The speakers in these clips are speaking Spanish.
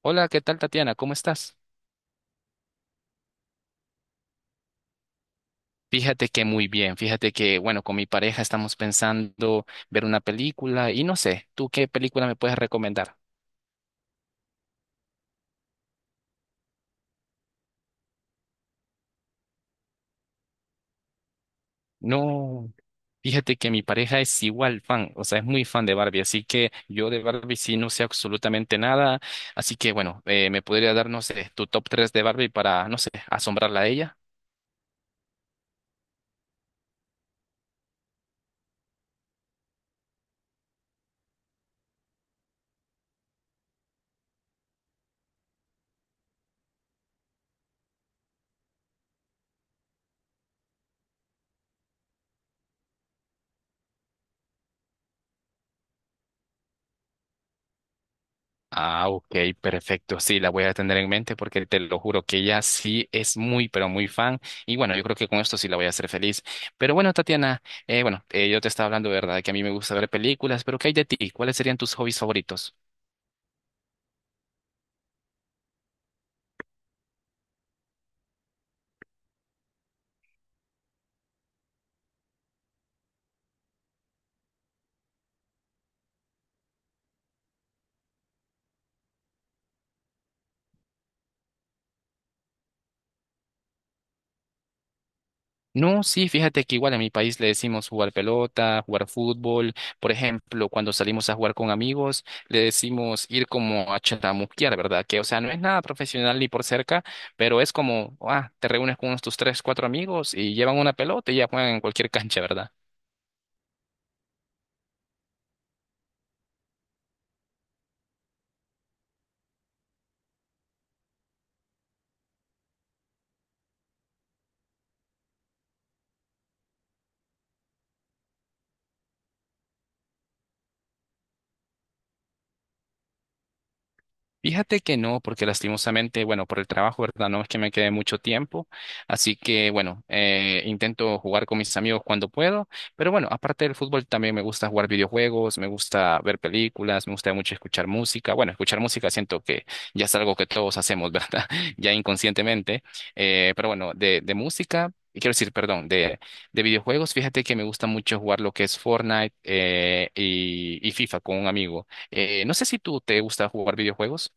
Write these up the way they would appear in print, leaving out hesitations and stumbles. Hola, ¿qué tal, Tatiana? ¿Cómo estás? Fíjate que muy bien, fíjate que, bueno, con mi pareja estamos pensando ver una película y no sé, ¿tú qué película me puedes recomendar? No, fíjate que mi pareja es igual fan, o sea, es muy fan de Barbie, así que yo de Barbie sí no sé absolutamente nada, así que bueno, ¿me podría dar, no sé, tu top 3 de Barbie para, no sé, asombrarla a ella? Ah, ok, perfecto. Sí, la voy a tener en mente porque te lo juro que ella sí es muy, pero muy fan. Y bueno, yo creo que con esto sí la voy a hacer feliz. Pero bueno, Tatiana, bueno, yo te estaba hablando, ¿verdad? Que a mí me gusta ver películas, pero ¿qué hay de ti? ¿Cuáles serían tus hobbies favoritos? No, sí, fíjate que igual en mi país le decimos jugar pelota, jugar fútbol. Por ejemplo, cuando salimos a jugar con amigos, le decimos ir como a chatamuquear, ¿verdad? Que, o sea, no es nada profesional ni por cerca, pero es como, ah, te reúnes con unos tus tres, cuatro amigos y llevan una pelota y ya juegan en cualquier cancha, ¿verdad? Fíjate que no, porque lastimosamente, bueno, por el trabajo, ¿verdad? No es que me quede mucho tiempo, así que bueno, intento jugar con mis amigos cuando puedo, pero bueno, aparte del fútbol también me gusta jugar videojuegos, me gusta ver películas, me gusta mucho escuchar música, bueno, escuchar música siento que ya es algo que todos hacemos, ¿verdad? Ya inconscientemente, pero bueno, de música. Quiero decir, perdón, de videojuegos, fíjate que me gusta mucho jugar lo que es Fortnite, y FIFA con un amigo. No sé si tú te gusta jugar videojuegos.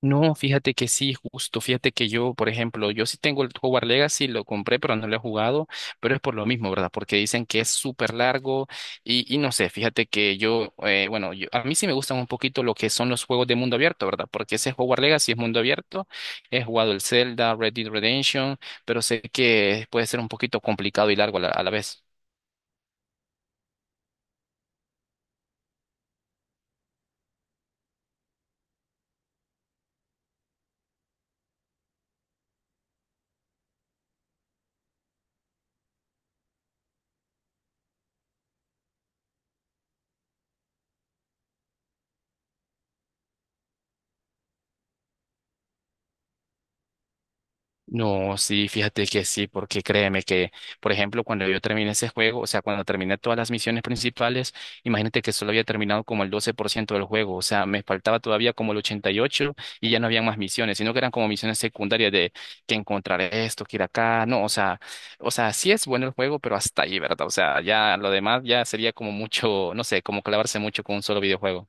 No, fíjate que sí, justo. Fíjate que yo, por ejemplo, yo sí tengo el Hogwarts Legacy, lo compré, pero no lo he jugado, pero es por lo mismo, ¿verdad? Porque dicen que es súper largo y no sé, fíjate que a mí sí me gustan un poquito lo que son los juegos de mundo abierto, ¿verdad? Porque ese Hogwarts Legacy es mundo abierto, he jugado el Zelda, Red Dead Redemption, pero sé que puede ser un poquito complicado y largo a la vez. No, sí, fíjate que sí, porque créeme que, por ejemplo, cuando yo terminé ese juego, o sea, cuando terminé todas las misiones principales, imagínate que solo había terminado como el 12% del juego, o sea, me faltaba todavía como el 88% y 8% y ya no había más misiones, sino que eran como misiones secundarias de que encontrar esto, que ir acá, no, o sea, sí es bueno el juego, pero hasta ahí, ¿verdad? O sea, ya lo demás ya sería como mucho, no sé, como clavarse mucho con un solo videojuego.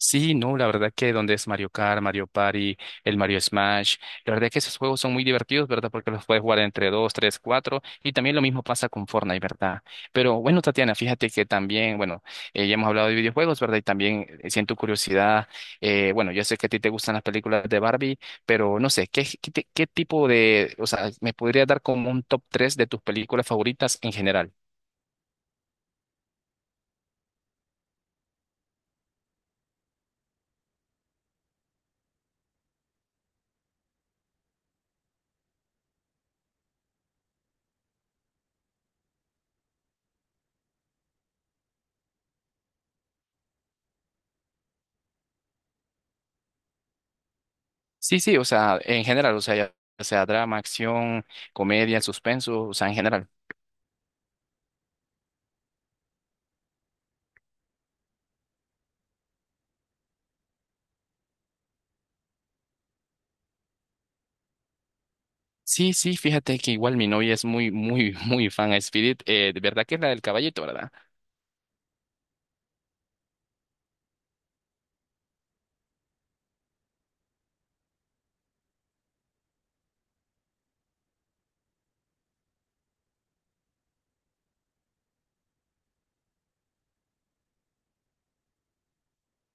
Sí, no, la verdad que donde es Mario Kart, Mario Party, el Mario Smash, la verdad que esos juegos son muy divertidos, ¿verdad? Porque los puedes jugar entre dos, tres, cuatro, y también lo mismo pasa con Fortnite, ¿verdad? Pero bueno, Tatiana, fíjate que también, bueno, ya hemos hablado de videojuegos, ¿verdad? Y también, siento curiosidad, bueno, yo sé que a ti te gustan las películas de Barbie, pero no sé, qué tipo de, o sea, me podría dar como un top tres de tus películas favoritas en general? Sí, sí, o sea, en general, o sea, ya sea drama, acción, comedia, suspenso, o sea, en general. Sí, sí, fíjate que igual mi novia es muy, muy, muy fan a Spirit, de verdad que es la del caballito, ¿verdad?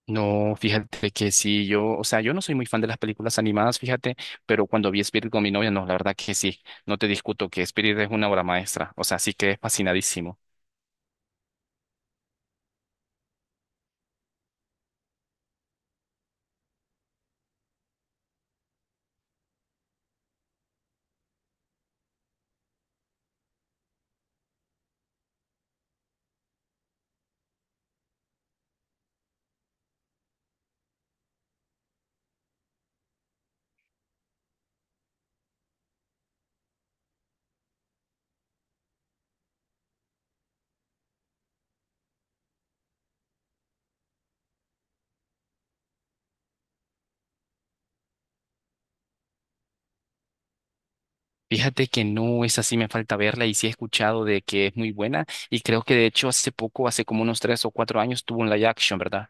No, fíjate que sí, yo, o sea, yo no soy muy fan de las películas animadas, fíjate, pero cuando vi Spirit con mi novia, no, la verdad que sí, no te discuto que Spirit es una obra maestra, o sea, sí que es fascinadísimo. Fíjate que no es así, me falta verla y sí he escuchado de que es muy buena y creo que de hecho hace poco, hace como unos 3 o 4 años, tuvo un live action, ¿verdad?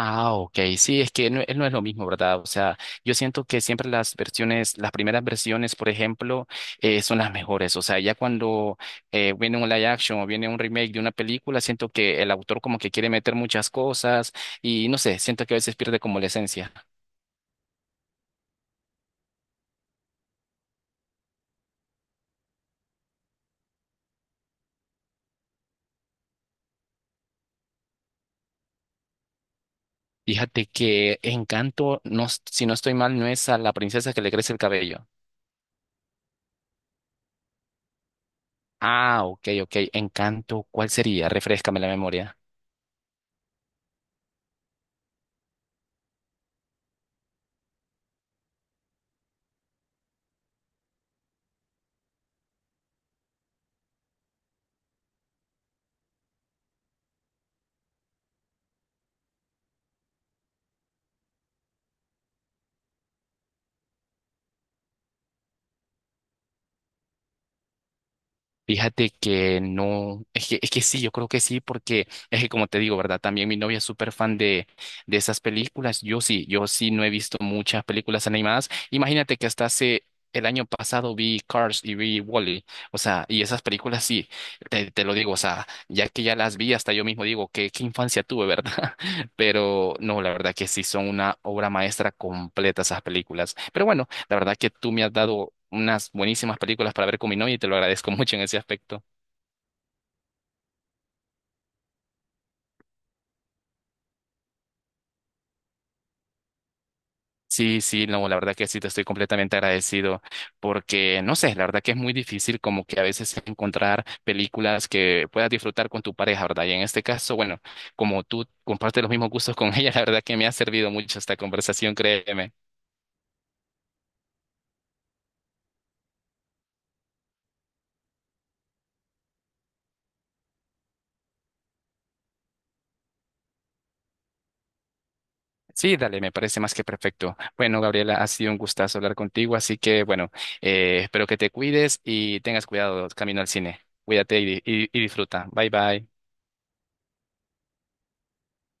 Ah, ok, sí, es que no, no es lo mismo, ¿verdad? O sea, yo siento que siempre las versiones, las primeras versiones, por ejemplo, son las mejores. O sea, ya cuando, viene un live action o viene un remake de una película, siento que el autor como que quiere meter muchas cosas y no sé, siento que a veces pierde como la esencia. Fíjate que Encanto, no, si no estoy mal, no es a la princesa que le crece el cabello. Ah, ok, ok, Encanto, ¿cuál sería? Refréscame la memoria. Fíjate que no, es que sí, yo creo que sí, porque es que como te digo, ¿verdad? También mi novia es súper fan de esas películas. Yo sí no he visto muchas películas animadas. Imagínate que hasta hace el año pasado vi Cars y vi Wall-E. O sea, y esas películas sí, te lo digo, o sea, ya que ya las vi, hasta yo mismo digo, qué infancia tuve, ¿verdad? Pero no, la verdad que sí, son una obra maestra completa esas películas. Pero bueno. La verdad que tú me has dado unas buenísimas películas para ver con mi novia y te lo agradezco mucho en ese aspecto. Sí, sí, no, la verdad que sí, te estoy completamente agradecido porque, no sé, la verdad que es muy difícil como que a veces encontrar películas que puedas disfrutar con tu pareja, ¿verdad? Y en este caso, bueno, como tú compartes los mismos gustos con ella, la verdad que me ha servido mucho esta conversación, créeme. Sí, dale, me parece más que perfecto. Bueno, Gabriela, ha sido un gustazo hablar contigo, así que bueno, espero que te cuides y tengas cuidado camino al cine. Cuídate y disfruta. Bye bye.